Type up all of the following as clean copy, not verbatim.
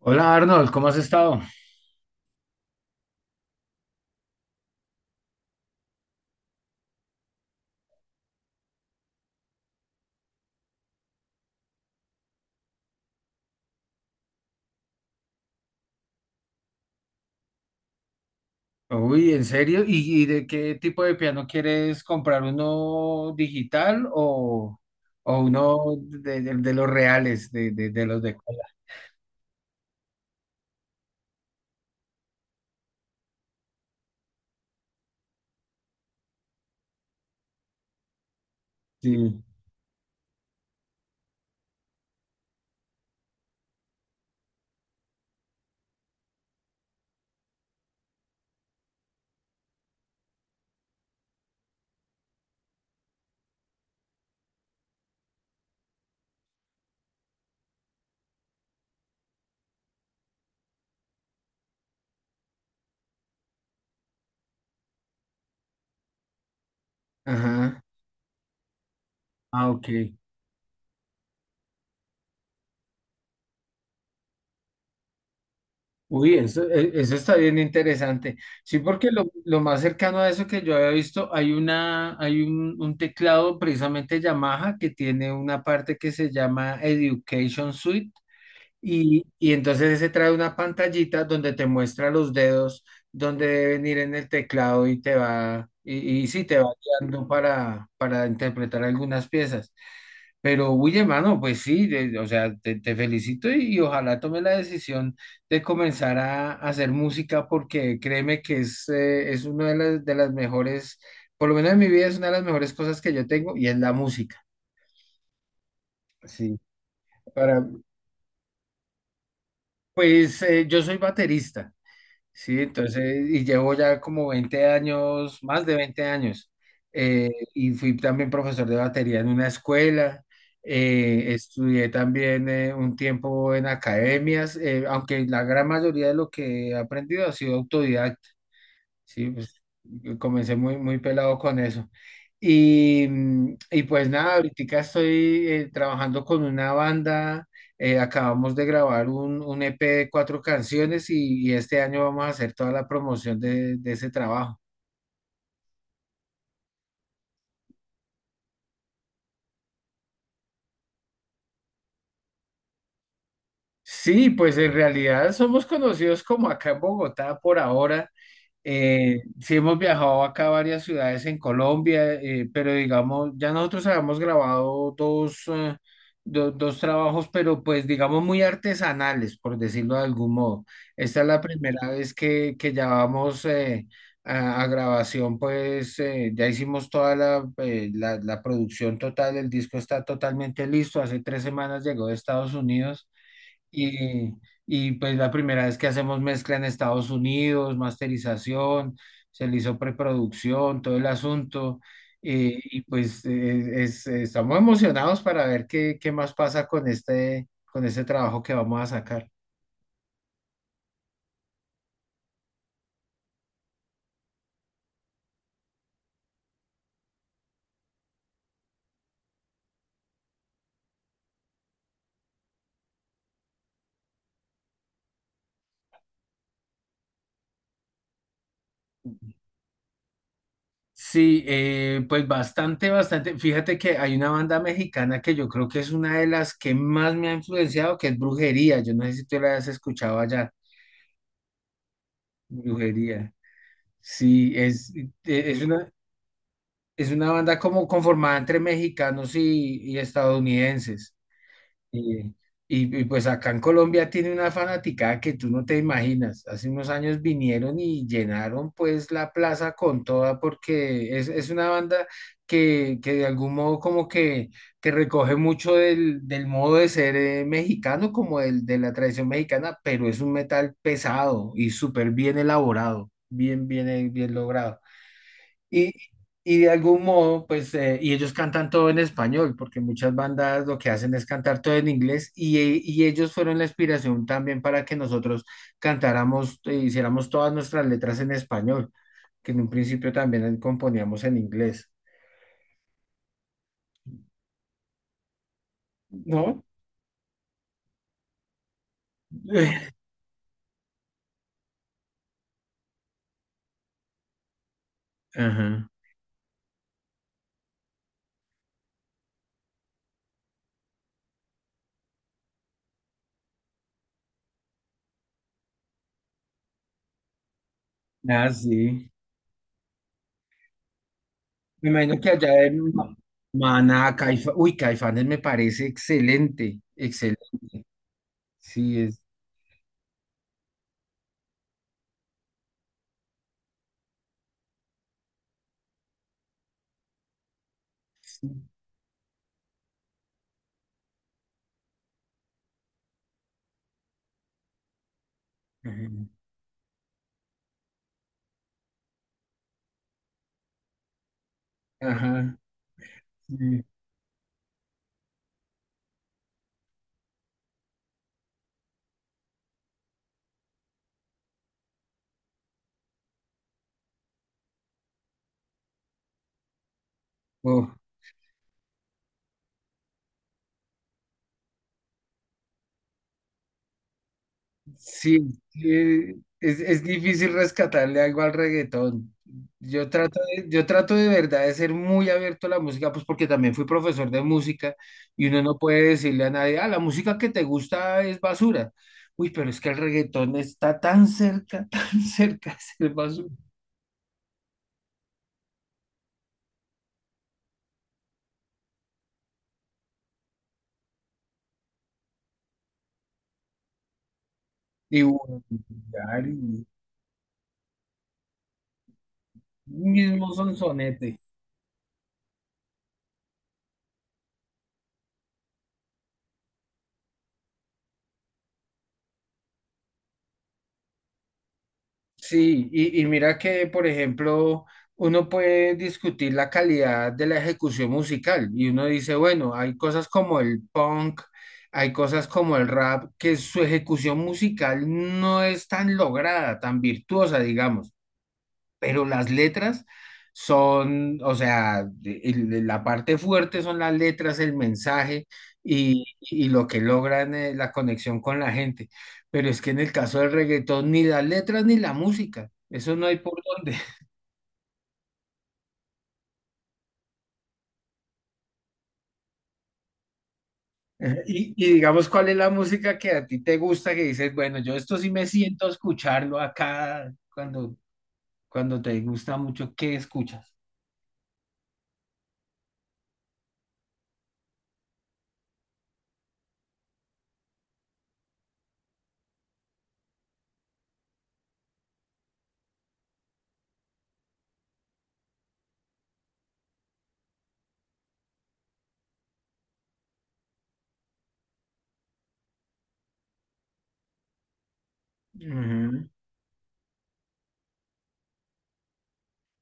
Hola, Arnold, ¿cómo has estado? Uy, ¿en serio? Y de qué tipo de piano quieres comprar? ¿Uno digital o uno de, de los reales, de, de los de cola? Sí. Ajá. Ah, ok. Uy, eso, eso está bien interesante. Sí, porque lo más cercano a eso que yo había visto, hay una, hay un teclado precisamente Yamaha que tiene una parte que se llama Education Suite. Y entonces ese trae una pantallita donde te muestra los dedos, donde deben ir en el teclado y te va, y sí, te va guiando para interpretar algunas piezas. Pero, uy, hermano, pues sí, de- o sea, te felicito y ojalá tome la decisión de comenzar a hacer música porque créeme que es una de las mejores, por lo menos en mi vida es una de las mejores cosas que yo tengo y es la música. Sí, para, pues yo soy baterista. Sí, entonces, y llevo ya como 20 años, más de 20 años, y fui también profesor de batería en una escuela, estudié también un tiempo en academias, aunque la gran mayoría de lo que he aprendido ha sido autodidacta. Sí, pues yo comencé muy, muy pelado con eso. Y, y pues nada, ahorita estoy trabajando con una banda, acabamos de grabar un EP de 4 canciones y este año vamos a hacer toda la promoción de ese trabajo. Sí, pues en realidad somos conocidos como acá en Bogotá por ahora. Sí hemos viajado acá a varias ciudades en Colombia, pero digamos, ya nosotros habíamos grabado dos, dos trabajos, pero pues digamos muy artesanales, por decirlo de algún modo. Esta es la primera vez que ya vamos a grabación, pues ya hicimos toda la, la producción total, el disco está totalmente listo, hace 3 semanas llegó de Estados Unidos. Y, y pues la primera vez que hacemos mezcla en Estados Unidos, masterización, se le hizo preproducción, todo el asunto. Y pues estamos emocionados para ver qué, qué más pasa con este trabajo que vamos a sacar. Sí, pues bastante, bastante. Fíjate que hay una banda mexicana que yo creo que es una de las que más me ha influenciado, que es Brujería. Yo no sé si tú la has escuchado allá. Brujería. Sí, es una. Es una banda como conformada entre mexicanos y estadounidenses. Y, y pues acá en Colombia tiene una fanaticada que tú no te imaginas. Hace unos años vinieron y llenaron pues la plaza con toda porque es una banda que de algún modo como que recoge mucho del, del modo de ser mexicano, como del, de la tradición mexicana, pero es un metal pesado y súper bien elaborado, bien, bien, bien logrado. Y, y de algún modo, pues, y ellos cantan todo en español, porque muchas bandas lo que hacen es cantar todo en inglés, y ellos fueron la inspiración también para que nosotros cantáramos e hiciéramos todas nuestras letras en español, que en un principio también componíamos en inglés, ¿no? Ajá. Ah, sí. Me imagino que allá en Maná, Caifa, uy, Caifanes me parece excelente, excelente. Sí, es. Ajá. Ajá, sí. Oh. Sí, sí, es difícil rescatarle algo al reggaetón. Yo trato de verdad de ser muy abierto a la música, pues porque también fui profesor de música y uno no puede decirle a nadie, ah, la música que te gusta es basura. Uy, pero es que el reggaetón está tan cerca, tan cerca de ser basura. Y bueno, y mismo sonsonete. Sí, y mira que, por ejemplo, uno puede discutir la calidad de la ejecución musical y uno dice, bueno, hay cosas como el punk, hay cosas como el rap, que su ejecución musical no es tan lograda, tan virtuosa, digamos. Pero las letras son, o sea, la parte fuerte son las letras, el mensaje y lo que logran la conexión con la gente. Pero es que en el caso del reggaetón, ni las letras ni la música, eso no hay por dónde. Ajá. Y digamos, ¿cuál es la música que a ti te gusta, que dices, bueno, yo esto sí me siento a escucharlo acá cuando, cuando te gusta mucho, ¿qué escuchas? Ujú.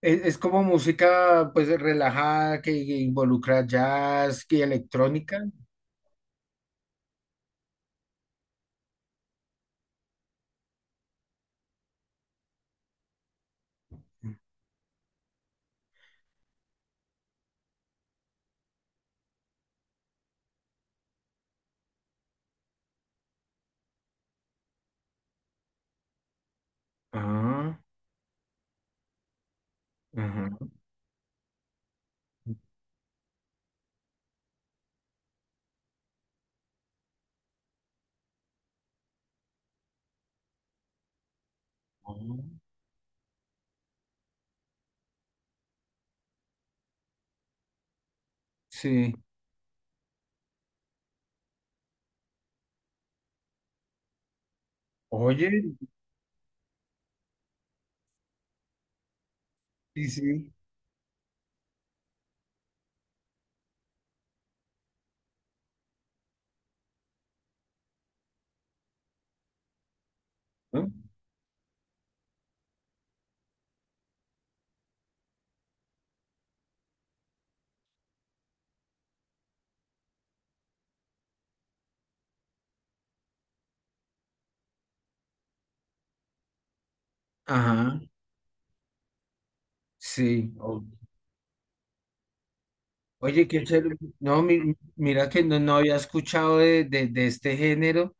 Es como música pues relajada que involucra jazz y electrónica. Ah, ajá. Oh. Sí. Oye, sí, sí. ¿No? Ajá, sí. Oye, qué chévere. No, mira que no, no había escuchado de, de este género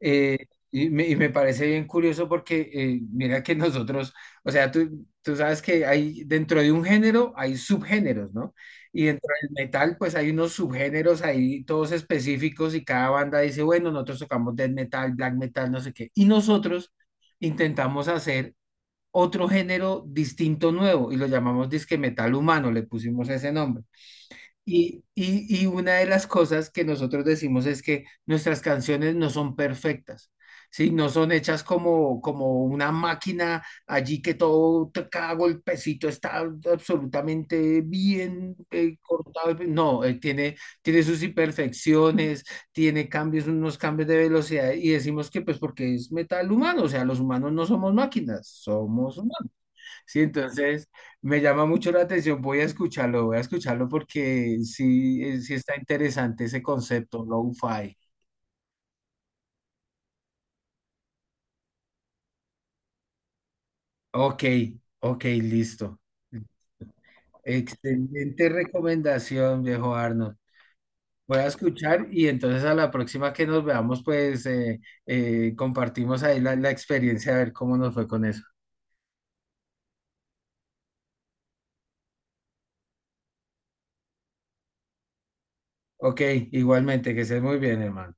eh, y me parece bien curioso porque mira que nosotros, o sea, tú sabes que hay dentro de un género hay subgéneros, ¿no? Y dentro del metal pues hay unos subgéneros ahí todos específicos y cada banda dice, bueno, nosotros tocamos death metal, black metal, no sé qué. Y nosotros intentamos hacer otro género distinto, nuevo y lo llamamos disque metal humano, le pusimos ese nombre. Y una de las cosas que nosotros decimos es que nuestras canciones no son perfectas, ¿sí? No son hechas como, como una máquina allí que todo, cada golpecito está absolutamente bien cortado. No, tiene, tiene sus imperfecciones, tiene cambios, unos cambios de velocidad y decimos que pues porque es metal humano, o sea, los humanos no somos máquinas, somos humanos. Sí, entonces me llama mucho la atención, voy a escucharlo porque sí, sí está interesante ese concepto, lo-fi. Ok, ok, listo. Excelente recomendación, viejo Arnold. Voy a escuchar y entonces a la próxima que nos veamos, pues compartimos ahí la, la experiencia, a ver cómo nos fue con eso. Ok, igualmente, que estés muy bien, hermano.